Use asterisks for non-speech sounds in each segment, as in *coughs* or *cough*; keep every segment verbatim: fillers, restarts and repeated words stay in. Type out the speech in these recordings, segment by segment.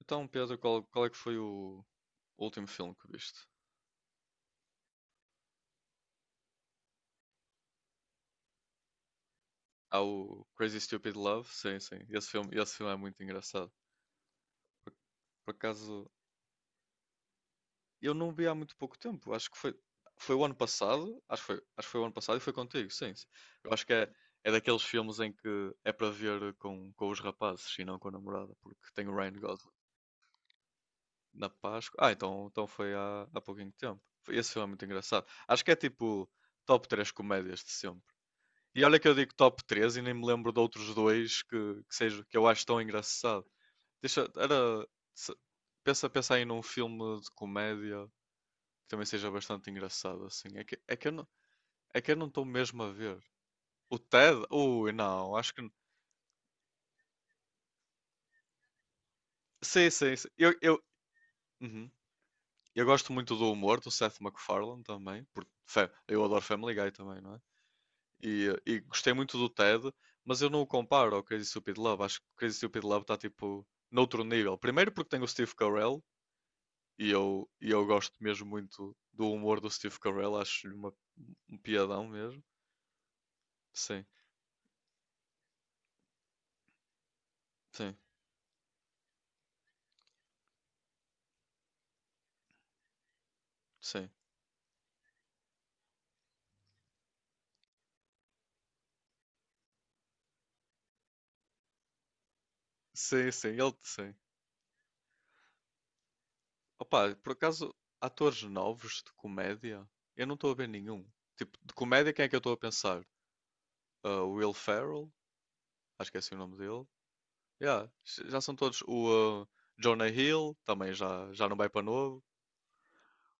Então, Pedro, qual, qual é que foi o último filme que viste? Há o Crazy Stupid Love, sim, sim. Esse filme, esse filme é muito engraçado. Por, por acaso, eu não vi há muito pouco tempo. Acho que foi, foi o ano passado. Acho que foi, acho que foi o ano passado e foi contigo, sim, sim. Eu acho que é, é daqueles filmes em que é para ver com, com os rapazes e não com a namorada, porque tem o Ryan Gosling na Páscoa. Ah, então, então foi há, há pouquinho tempo. Foi- Esse filme é muito engraçado. Acho que é tipo top três comédias de sempre. E olha que eu digo top três e nem me lembro de outros dois que, que seja que eu acho tão engraçado. Deixa, era, se- pensa, pensa aí num filme de comédia que também seja bastante engraçado assim. É que, é que eu não, é que eu não estou mesmo a ver. O Ted? Ui, não, acho que n- sim, sim, sim. Eu, eu, uhum. Eu gosto muito do humor do Seth MacFarlane também, porque fa- eu adoro Family Guy também, não é? E, e gostei muito do Ted, mas eu não o comparo ao Crazy Stupid Love. Acho que o Crazy Stupid Love está tipo noutro nível. Primeiro porque tem o Steve Carell e eu, e eu gosto mesmo muito do humor do Steve Carell, acho-lhe uma- um piadão mesmo. Sim, sim, sim. Sim, sim, ele sim. Opa, por acaso, atores novos de comédia, eu não estou a ver nenhum. Tipo, de comédia, quem é que eu estou a pensar? Ah, o Will Ferrell, acho que é assim o nome dele. Yeah, já são todos. O uh, Jonah Hill também já, já não vai para novo.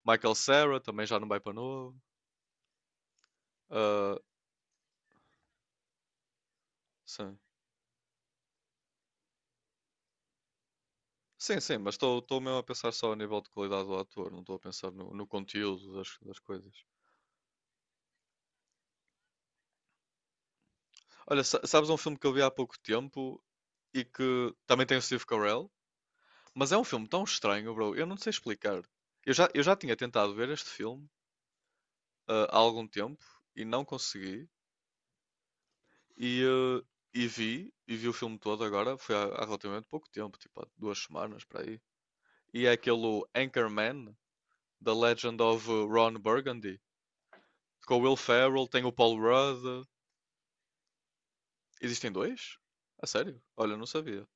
Michael Cera também já não vai para novo. Uh, sim. Sim, sim, mas estou mesmo a pensar só a nível de qualidade do ator, não estou a pensar no, no conteúdo das, das coisas. Olha, sa- sabes um filme que eu vi há pouco tempo e que também tem o Steve Carell, mas é um filme tão estranho, bro, eu não sei explicar. Eu já, eu já tinha tentado ver este filme uh, há algum tempo e não consegui. E, eh, e vi, e vi o filme todo agora, foi há, há relativamente pouco tempo, tipo há duas semanas para aí. E é aquele Anchorman, The Legend of eh, Ron Burgundy, com o Will Ferrell, tem o Paul Rudd. Existem dois? A sério? Olha, não sabia.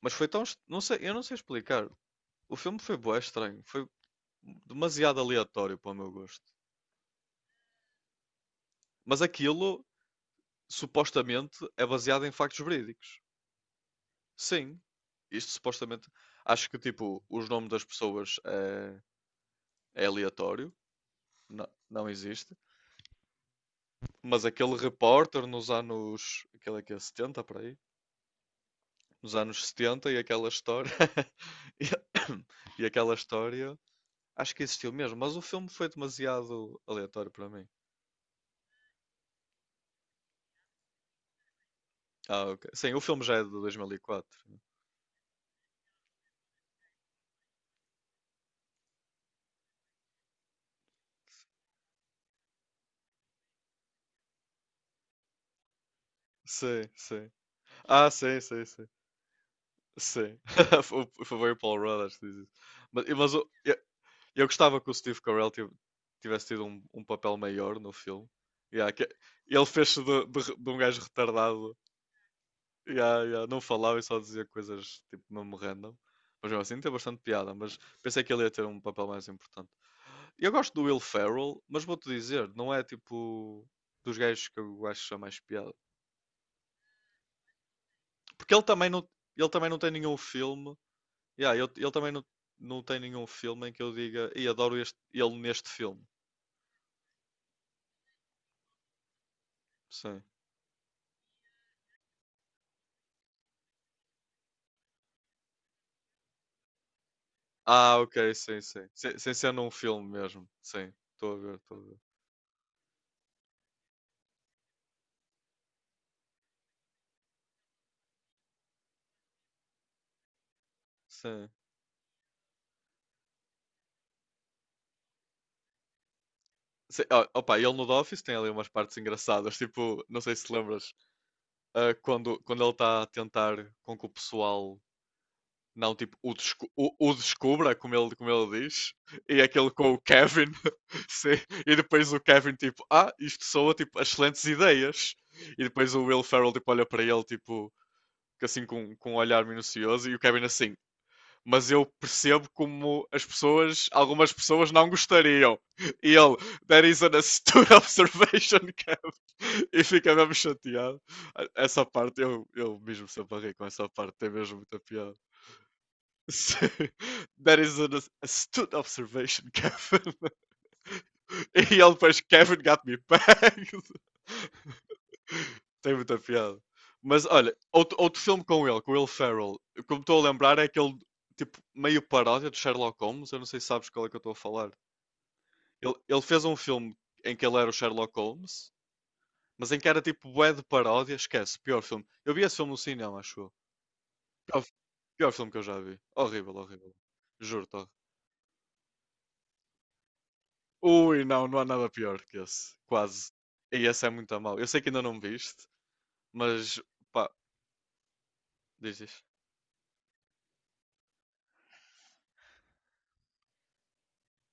Mas foi tão, est- não sei, eu não sei explicar. O filme foi bué estranho, foi demasiado aleatório para o meu gosto. Mas aquilo supostamente é baseado em factos verídicos. Sim, isto supostamente. Acho que tipo, os nomes das pessoas é é aleatório, não, não existe, mas aquele repórter nos anos, aquele é que é setenta por aí, nos anos setenta e aquela história *laughs* e, *coughs* e aquela história, acho que existiu mesmo, mas o filme foi demasiado aleatório para mim. Ah, ok. Sim, o filme já é de dois mil e quatro. Sim, sim. Ah, sim, sim, sim. Sim. *laughs* Foi foi o Paul Rudd, acho que diz isso. Mas, mas o- Eu gostava que o Steve Carell tiv- tivesse tido um, um papel maior no filme. Yeah, que- ele fez-se de, de de um gajo retardado. Yeah, yeah, não falava e só dizia coisas tipo mesmo random. Mas mesmo assim tem bastante piada, mas pensei que ele ia ter um papel mais importante. Eu gosto do Will Ferrell, mas vou-te dizer, não é tipo dos gajos que eu acho a mais piada. Porque ele também não, ele também não tem nenhum filme. Yeah, ele, ele também não, não tem nenhum filme em que eu diga e adoro este, ele neste filme. Sim. Ah, ok, sim, sim. Sem, sem ser num filme mesmo. Sim, estou a ver, estou a ver. Sim. Sim, ó, opa, ele no The Office tem ali umas partes engraçadas, tipo, não sei se te lembras, ah, quando, quando ele está a tentar com que o pessoal não, tipo, o, desco- o- o descubra, como ele, como ele diz, e aquele com o Kevin, *laughs* sim, e depois o Kevin, tipo, ah, isto soa, tipo, excelentes ideias, e depois o Will Ferrell, tipo, olha para ele, tipo, que assim com, com um olhar minucioso, e o Kevin assim, mas eu percebo como as pessoas, algumas pessoas não gostariam. E ele, that is an astute *laughs* observation, Kev. E fica mesmo chateado. Essa parte, eu, eu mesmo sempre ri com essa parte, tem mesmo muita piada. *laughs* That is an astute observation, Kevin. *laughs* E ele depois, Kevin got me pegged. *laughs* Tem muita piada. Mas olha, outro, outro filme com ele, com o Will Ferrell, como estou a lembrar, é aquele tipo meio paródia do Sherlock Holmes. Eu não sei se sabes qual é que eu estou a falar. Ele, ele fez um filme em que ele era o Sherlock Holmes, mas em que era tipo bué de paródia. Esquece, pior filme. Eu vi esse filme no cinema, acho eu. Pior, pior filme que eu já vi. Horrível, horrível. Juro-te, horrível. Ui, não, não há nada pior que esse. Quase. E esse é muito a mal. Eu sei que ainda não viste, mas pá, diz, diz.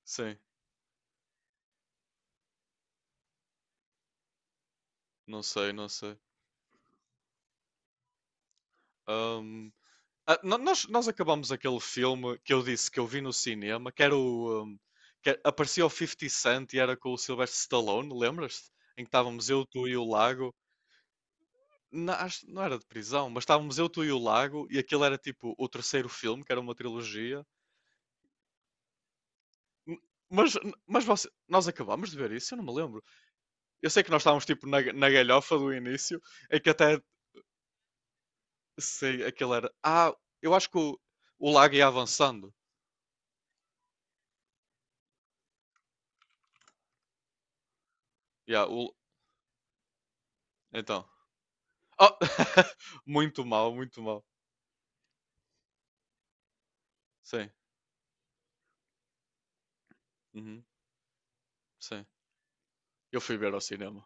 Sim, não sei, não sei. Ahm, ah, no- nós, nós acabamos aquele filme que eu disse que eu vi no cinema, que era o. ahm, que é, aparecia o fifty Cent e era com o Sylvester Stallone, lembras-te? Em que estávamos eu, tu e o Lago. Não, acho- não era de prisão, mas estávamos eu, tu e o Lago, e aquilo era tipo o terceiro filme, que era uma trilogia. N- Mas, mas você- nós acabamos de ver isso? Eu não me lembro. Eu sei que nós estávamos tipo na, na galhofa do início, em que até sei aquele era. Ah, eu acho que o, o Lago ia avançando. Yeah, o- então. Oh, *laughs* muito mal, muito mal. Sim, uhum, sim. Eu fui ver ao cinema.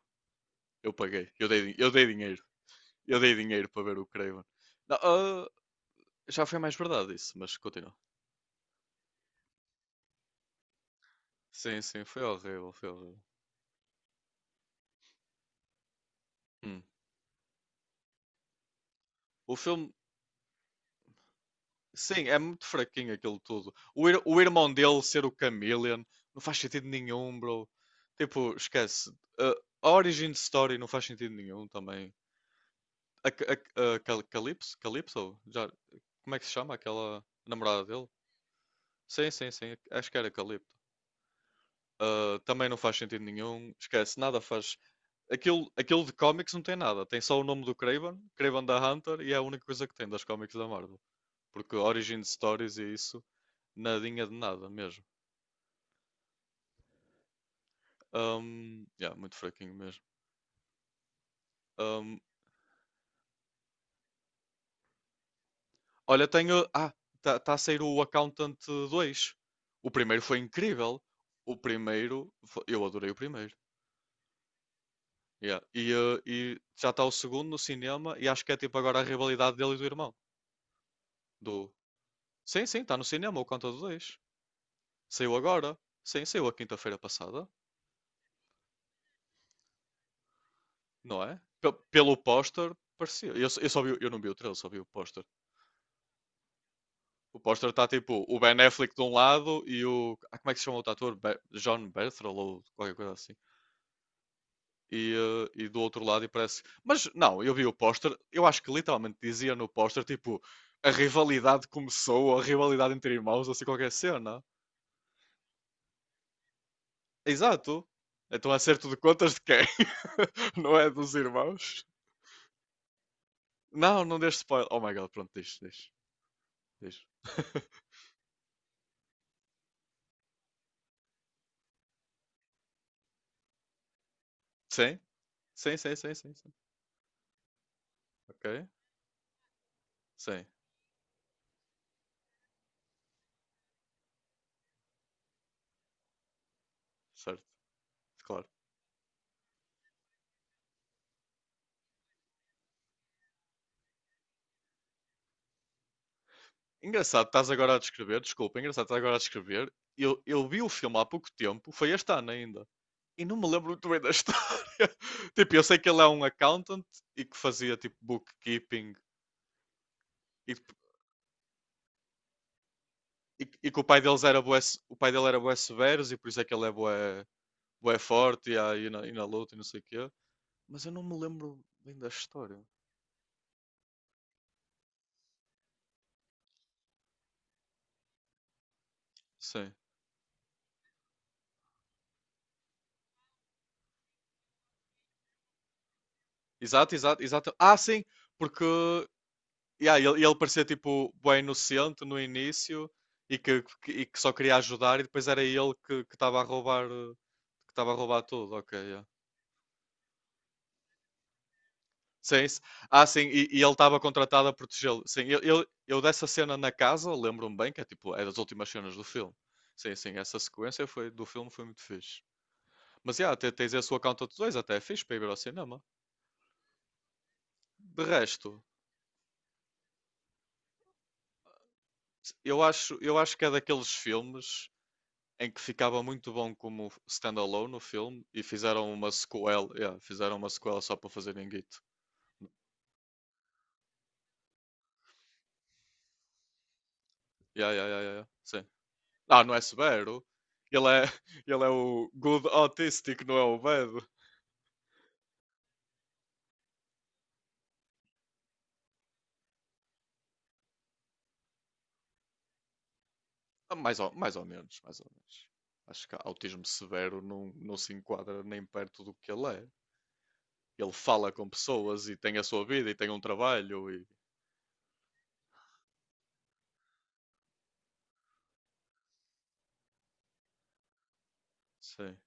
Eu paguei. Eu dei, eu dei dinheiro. Eu dei dinheiro para ver o Craven. Não, ah, já foi mais verdade isso, mas continua. Sim, sim, foi horrível, foi horrível. Hum. O filme, sim, é muito fraquinho aquilo tudo. O, ir- o irmão dele ser o Chameleon não faz sentido nenhum, bro. Tipo, esquece. Ah, a origin story não faz sentido nenhum também. A, a, a Cal- Calypso? Calypso? Já, como é que se chama aquela namorada dele? Sim, sim, sim. Acho que era Calypso. Ah, também não faz sentido nenhum. Esquece, nada faz. Aquilo, aquilo de cómics não tem nada. Tem só o nome do Craven, Craven da Hunter, e é a única coisa que tem das cómics da Marvel. Porque Origin Stories e isso, nadinha de nada mesmo. Ahm, yeah, muito fraquinho mesmo. Olha, tenho. Ah, está tá a sair o Accountant dois. O primeiro foi incrível. O primeiro. fo- Eu adorei o primeiro. Yeah. E, eh, e já está o segundo no cinema. E acho que é tipo agora a rivalidade dele e do irmão. Do... Sim, sim, está no cinema o Conta do dois. Saiu agora. Sim, saiu a quinta-feira passada. Não é? Pe- pelo póster, parecia. Eu, só- eu só vi, o- eu não vi o trailer, só vi o póster. O póster está tipo o Ben Affleck de um lado e o. Ah, como é que se chama o outro ator? Be- John Berthold ou qualquer coisa assim. e, eh, e do outro lado e parece. Mas não, eu vi o póster, eu acho que literalmente dizia no póster tipo a rivalidade começou, ou a rivalidade entre irmãos, ou assim qualquer cena. Exato. Então acerto de contas de quem? *laughs* Não é dos irmãos? Não, não deixe spoiler. Oh my god, pronto, deixe, deixe, deixe. *laughs* Sim, sim, sim, sim, sim, sim. Ok? Sim, certo, claro. Engraçado, estás agora a descrever, desculpa, engraçado, estás agora a descrever. Eu, eu vi o filme há pouco tempo, foi este ano ainda. E não me lembro muito bem da história. *laughs* Tipo, eu sei que ele é um accountant e que fazia tipo bookkeeping e, e- e que o pai deles era bué, se- o pai dele era bué severos e por isso é que ele é bué, bué forte e, a- e na, e na luta e não sei o quê. Mas eu não me lembro bem da história. Sim. Exato, exato, exato. Ah, sim, porque yeah, ele, ele parecia tipo bué inocente no início e que, que- e que só queria ajudar e depois era ele que que estava a roubar eh, que estava a roubar tudo, ok, yeah. Sim, s- ah, sim, e, e ele estava contratado a protegê-lo. Sim, eu, eu, eu dessa cena na casa, lembro-me bem, que é tipo, é das últimas cenas do filme. Sim, sim, essa sequência foi, do filme foi muito fixe. Mas, yeah, te- tens esse Count de dois, até é fixe para ir ver ao cinema. De resto, eu acho, eu acho que é daqueles filmes em que ficava muito bom como standalone no filme e fizeram uma sequela, yeah, fizeram uma sequela só para fazer guito. Yeah, yeah, yeah, yeah, yeah, sim. Ah, não é severo. Ele é, *laughs* ele é o good autistic, não é o bad. Ah, Mais ou, mais ou menos, mais ou menos. Acho que autismo severo não, não se enquadra nem perto do que ele é. Ele fala com pessoas e tem a sua vida e tem um trabalho e. Sim.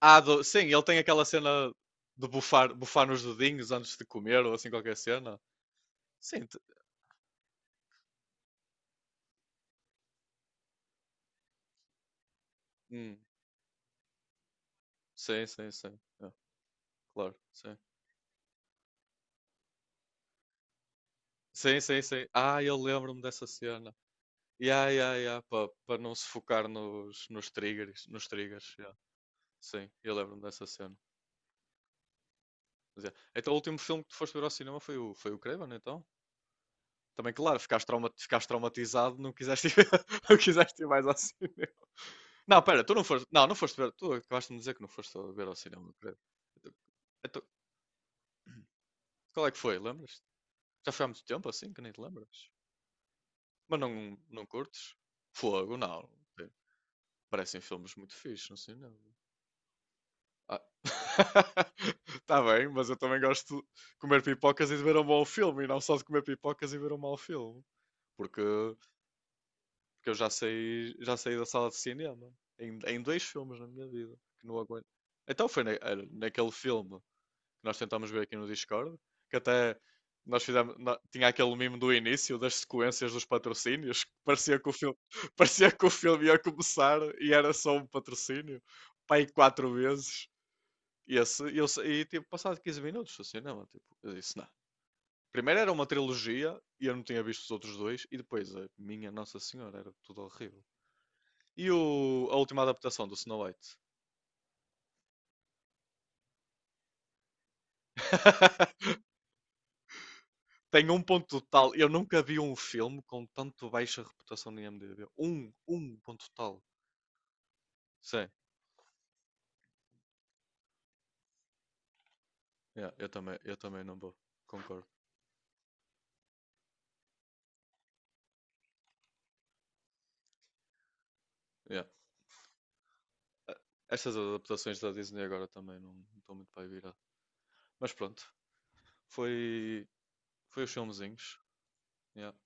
Ah, do- sim, ele tem aquela cena de bufar, bufar nos dedinhos antes de comer ou assim qualquer cena. Sim, te- hum, sim, sim, sim. É, claro, sim. Sim, sim, sim. Ah, eu lembro-me dessa cena. Ya, ya, ya, para não se focar nos, nos triggers, nos triggers, ya. Sim, eu lembro-me dessa cena. Mas é. Então o último filme que tu foste ver ao cinema foi o, foi o Craven, então? Também, claro, ficaste, trauma- ficaste traumatizado, não quiseste ir, *laughs* não quiseste ir mais ao cinema. Não, pera, tu não foste. Não, não foste ver. Tu acabaste de me dizer que não foste ver ao cinema, creio. Então, então, qual é que foi? Lembras? Já foi há muito tempo assim que nem te lembras. Mas não, não curtes? Fogo, não. Eh, parecem filmes muito fixes no cinema. Ah. *laughs* Tá bem, mas eu também gosto de comer pipocas e de ver um bom filme, e não só de comer pipocas e ver um mau filme. Porque, porque eu já saí, já saí da sala de cinema em, em dois filmes na minha vida que não aguento. Então foi na- era naquele filme que nós tentámos ver aqui no Discord, que até nós fizemos, nó- tinha aquele mimo do início das sequências dos patrocínios, que parecia que o filme, *laughs* parecia que o filme ia começar e era só um patrocínio, pai, quatro vezes. E, esse, e, eu, sa- e tipo, passado quinze minutos do cinema, tipo, eu disse, não. Primeiro era uma trilogia e eu não tinha visto os outros dois, e depois a minha Nossa Senhora, era tudo horrível. E o- a última adaptação do Snow White? *laughs* Tem um ponto total. Eu nunca vi um filme com tanto baixa reputação no IMDb. Um, um ponto total. Sim, yeah, eu também, eu também não vou. Concordo. Yeah. Eh, estas adaptações da Disney agora também não estão muito para virar. Mas pronto, foi, foi os filmezinhos. Yeah.